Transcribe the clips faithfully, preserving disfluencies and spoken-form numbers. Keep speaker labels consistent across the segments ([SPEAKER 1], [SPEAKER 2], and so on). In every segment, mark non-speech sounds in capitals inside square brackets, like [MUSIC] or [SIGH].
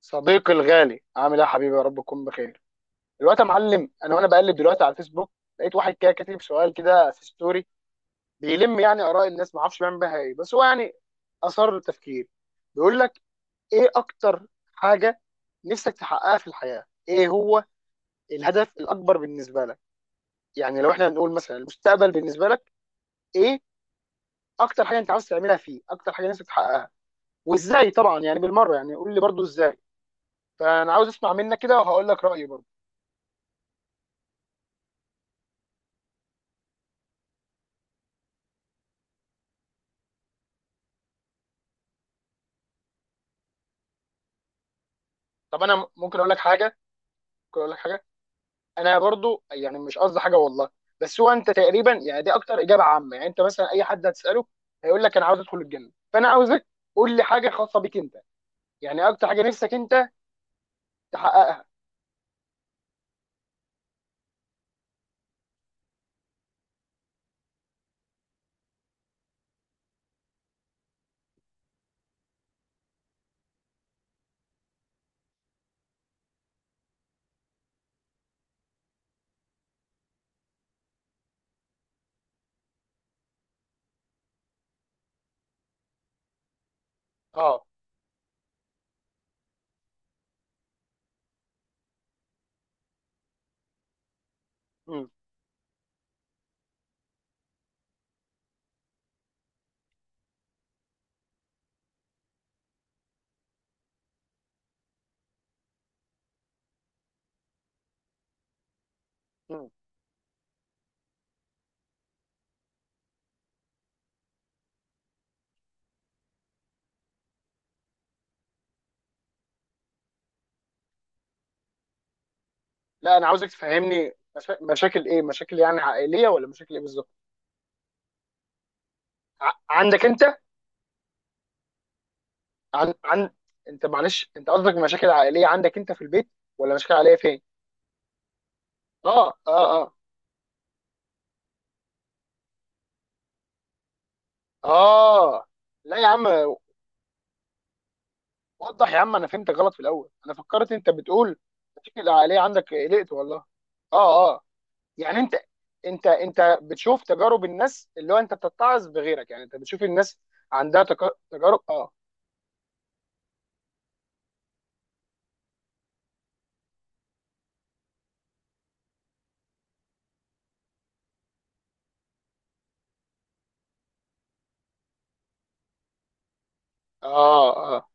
[SPEAKER 1] صديقي الغالي، عامل ايه يا حبيبي؟ يا رب تكون بخير. دلوقتي يا معلم، انا وانا بقلب دلوقتي على الفيسبوك لقيت واحد كده كاتب سؤال كده في ستوري بيلم يعني اراء الناس، ما اعرفش بيعمل بيها ايه، بس هو يعني اثار للتفكير. بيقول لك: ايه اكتر حاجه نفسك تحققها في الحياه؟ ايه هو الهدف الاكبر بالنسبه لك؟ يعني لو احنا نقول مثلا المستقبل بالنسبه لك، ايه اكتر حاجه انت عاوز تعملها فيه؟ اكتر حاجه نفسك تحققها؟ وازاي طبعا، يعني بالمره يعني قول لي برضو ازاي. فانا عاوز اسمع منك كده وهقول لك رايي برضو. طب انا ممكن اقول لك حاجه؟ ممكن اقول لك حاجه، انا برضو يعني مش قصدي حاجه والله، بس هو انت تقريبا يعني دي اكتر اجابه عامه، يعني انت مثلا اي حد هتساله هيقول لك انا عاوز ادخل الجنه. فانا عاوزك قول لي حاجه خاصه بيك انت، يعني اكتر حاجه نفسك انت تحققها. اه. مم. مم. لا، انا عاوزك تفهمني، مشا... مشاكل ايه؟ مشاكل يعني عائليه ولا مشاكل ايه بالظبط؟ ع... عندك انت؟ عن... عن انت معلش، انت قصدك مشاكل عائليه عندك انت في البيت، ولا مشاكل عائليه فين؟ اه اه اه اه. لا يا عم، وضح يا عم، انا فهمتك غلط في الاول، انا فكرت انت بتقول النتيجه العائليه عندك، قلقت والله. اه اه. يعني انت، انت انت بتشوف تجارب الناس، اللي هو انت بتتعظ بغيرك، يعني انت بتشوف الناس عندها تك- تجارب، اه. اه اه.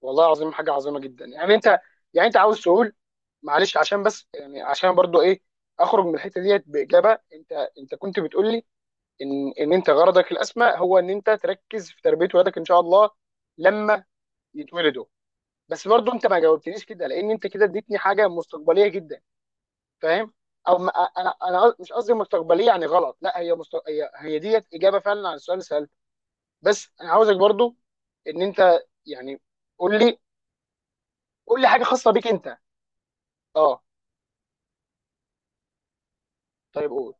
[SPEAKER 1] والله العظيم حاجه عظيمه جدا يعني. انت يعني انت عاوز تقول، معلش عشان بس يعني عشان برضو ايه، اخرج من الحته ديت باجابه. انت انت كنت بتقول لي ان ان انت غرضك الاسمى هو ان انت تركز في تربيه ولادك ان شاء الله لما يتولدوا. بس برضو انت ما جاوبتنيش كده، لان انت كده اديتني حاجه مستقبليه جدا، فاهم؟ او ما انا انا قص- مش قصدي مستقبليه يعني غلط، لا هي مست... هي هي ديت اجابه فعلا عن السؤال اللي سالته. بس انا عاوزك برضو ان انت يعني قول لي، قول لي حاجه خاصه بيك انت. اه، طيب قول.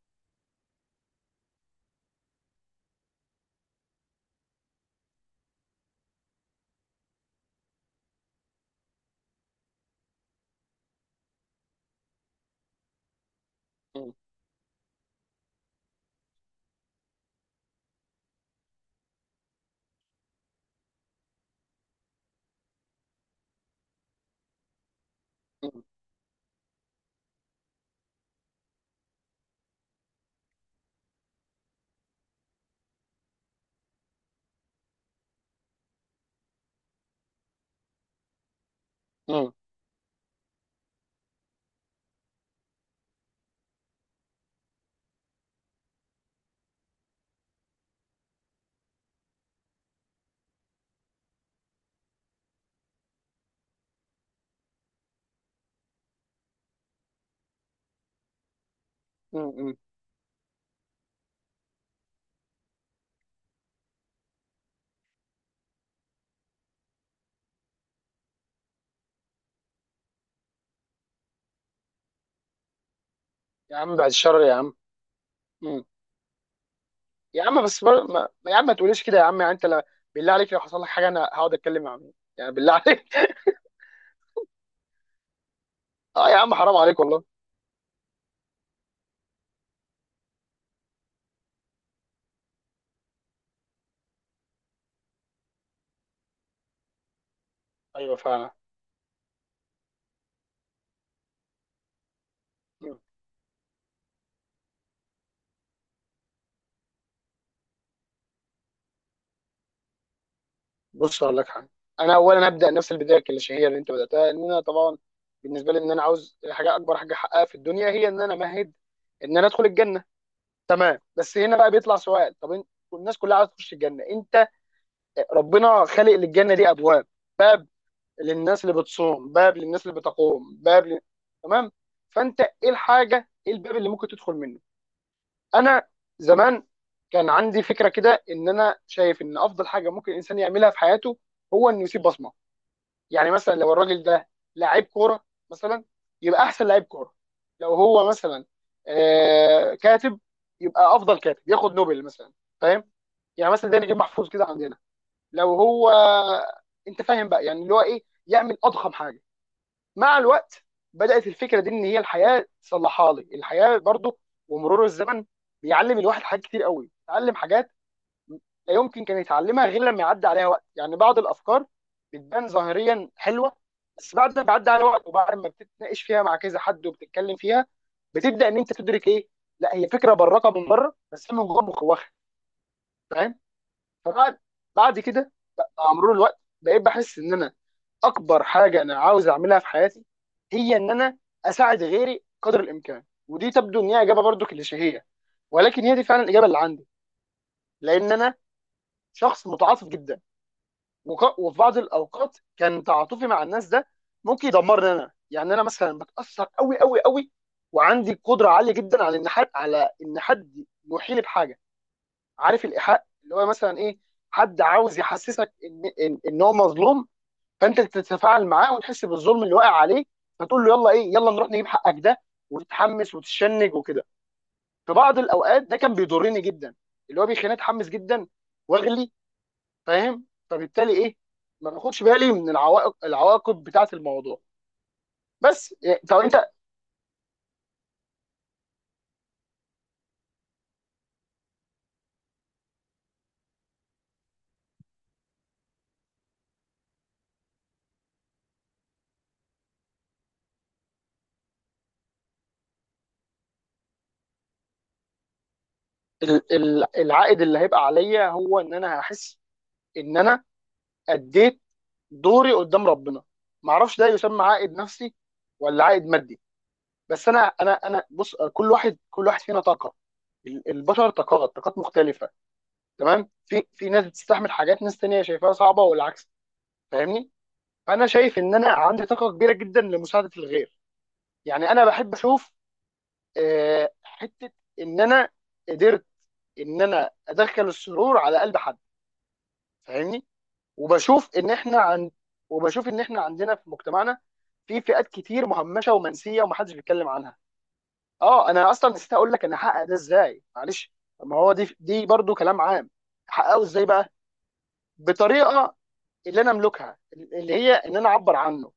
[SPEAKER 1] مم. مم. مم. مم. مم. يا عم بعد الشر يا عم. مم. يا عم بس بر... ما... ما- يا عم ما تقوليش كده يا عم، يعني انت لا، بالله عليك، لو حصل لك حاجه انا هقعد اتكلم مع مين يعني؟ بالله عليك. [LAUGHS] اه يا عم حرام عليك والله. ايوه فعلا. بص هقول لك حاجه: انا اولا ابدا نفس البدايه الكليشيهيه اللي انت بداتها، ان انا طبعا بالنسبه لي ان انا عاوز حاجه، اكبر حاجه احققها في الدنيا هي ان انا امهد ان انا ادخل الجنه. تمام. بس هنا بقى بيطلع سؤال: طب إن- الناس كلها عايزه تخش الجنه، انت ربنا خالق للجنه دي ابواب، باب للناس اللي بتصوم، باب للناس اللي بتقوم، باب ل... تمام. فانت ايه الحاجه، ايه الباب اللي ممكن تدخل منه؟ انا زمان كان عندي فكره كده، ان انا شايف ان افضل حاجه ممكن الانسان يعملها في حياته هو انه يسيب بصمه. يعني مثلا لو الراجل ده لعيب كوره مثلا، يبقى احسن لعيب كوره. لو هو مثلا آه كاتب، يبقى افضل كاتب، ياخد نوبل مثلا. فاهم؟ يعني مثلا ده نجيب محفوظ كده عندنا. لو هو، انت فاهم بقى يعني اللي هو ايه، يعمل اضخم حاجه. مع الوقت بدات الفكره دي ان هي الحياه تصلحها لي، الحياه برضو ومرور الزمن بيعلم الواحد حاجات كتير قوي. اتعلم حاجات لا يمكن كان يتعلمها غير لما يعدي عليها وقت. يعني بعض الافكار بتبان ظاهريا حلوه، بس بعد ما بيعدي عليها وقت وبعد ما بتتناقش فيها مع كذا حد وبتتكلم فيها بتبدا ان انت تدرك ايه، لا هي فكره براقه من بره، بس هي من جوه مخوخه. فاهم؟ فبعد بعد كده مع مرور الوقت بقيت بحس ان انا اكبر حاجه انا عاوز اعملها في حياتي هي ان انا اساعد غيري قدر الامكان. ودي تبدو ان هي اجابه برضو كليشيهيه، ولكن هي دي فعلا الاجابه اللي عندي، لان انا شخص متعاطف جدا. وك- وفي بعض الاوقات كان تعاطفي مع الناس ده ممكن يدمرني انا، يعني انا مثلا بتاثر قوي قوي قوي، وعندي قدره عاليه جدا على ان حد، على ان حد يوحيني بحاجه. عارف الايحاء اللي هو مثلا ايه؟ حد عاوز يحسسك ان ان, إن هو مظلوم، فانت تتفاعل معاه وتحس بالظلم اللي واقع عليه، فتقول له يلا ايه، يلا نروح نجيب حقك ده، وتتحمس وتتشنج وكده. في بعض الاوقات ده كان بيضرني جدا، اللي هو بيخليني اتحمس جدا واغلي. فاهم؟ فبالتالي ايه، ما باخدش بالي من العوائق، العواقب بتاعه الموضوع. بس إيه، طب انت، ال- ال- العائد اللي هيبقى عليا هو ان انا هحس ان انا اديت دوري قدام ربنا. ما اعرفش ده يسمى عائد نفسي ولا عائد مادي. بس انا، انا انا بص، كل واحد كل واحد فينا طاقه، ال- البشر طاقات طاقات مختلفه، تمام؟ في في ناس بتستحمل حاجات، ناس تانية شايفاها صعبه، والعكس. فاهمني؟ فانا شايف ان انا عندي طاقه كبيره جدا لمساعده الغير، يعني انا بحب اشوف آه، حته ان انا قدرت ان انا ادخل السرور على قلب حد. فاهمني؟ وبشوف ان احنا عن، وبشوف ان احنا عندنا في مجتمعنا في فئات كتير مهمشه ومنسيه ومحدش بيتكلم عنها. اه، انا اصلا نسيت اقول لك انا هحقق ده ازاي، معلش. طب ما هو دي، دي برضو كلام عام. هحققه ازاي بقى؟ بطريقه اللي انا املكها، اللي هي ان انا اعبر عنه.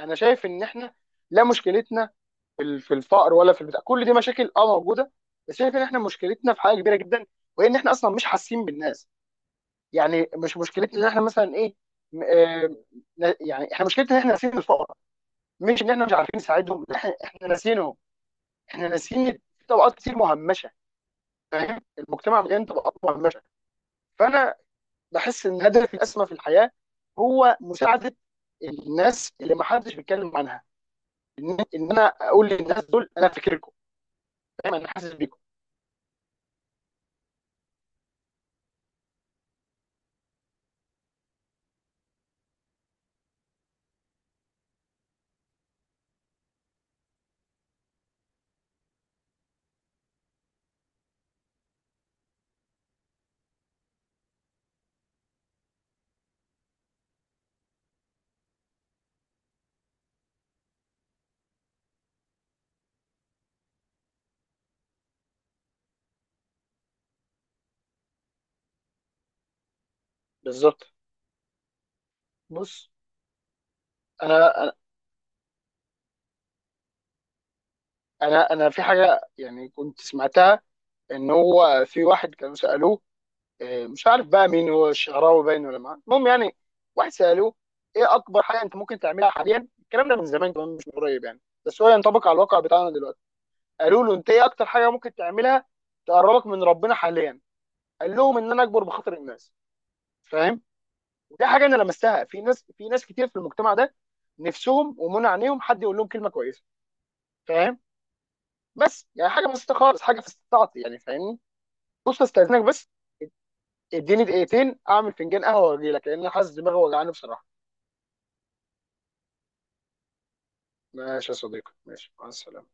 [SPEAKER 1] انا شايف ان احنا، لا مشكلتنا في ال- في الفقر ولا في البتاع، كل دي مشاكل اه موجوده، بس شايف ان احنا مشكلتنا في حاجه كبيره جدا وهي ان احنا اصلا مش حاسين بالناس. يعني مش مشكلتنا ان احنا مثلا ايه، م- آه، ن- يعني احنا مشكلتنا ان احنا ناسيين الفقراء، مش ان احنا مش عارفين نساعدهم. لا، احنا احنا ناسينهم. احنا ناسيين، في طبقات كتير مهمشه، فاهم؟ المجتمع مليان طبقات مهمشه. فانا بحس ان هدف الاسمى في الحياه هو مساعده الناس اللي ما حدش بيتكلم عنها، ان إن انا اقول للناس دول انا فاكركم، فاهم؟ انا حاسس بيكم. بالظبط. بص انا، انا انا في حاجه يعني كنت سمعتها، ان هو في واحد كانوا سالوه، آه، مش عارف بقى مين، هو الشعراوي باين ولا ما، المهم يعني. واحد سالوه ايه اكبر حاجه انت ممكن تعملها حاليا، الكلام ده من زمان كمان مش من قريب، يعني بس هو ينطبق على الواقع بتاعنا دلوقتي. قالوا له: انت ايه اكتر حاجه ممكن تعملها تقربك من ربنا حاليا؟ قال لهم ان انا اكبر بخاطر الناس. فاهم؟ ودي حاجه انا لمستها في ناس في ناس كتير في المجتمع ده، نفسهم ومنع عينيهم حد يقول لهم كلمه كويسه. فاهم؟ بس يعني حاجه بسيطه خالص، حاجه في استطاعتي يعني، فاهمني؟ بص استاذنك بس، اديني دقيقتين اعمل فنجان قهوه واجي لك، لان أنا حاسس دماغي وجعاني بصراحه. ماشي يا صديقي، ماشي، مع السلامه.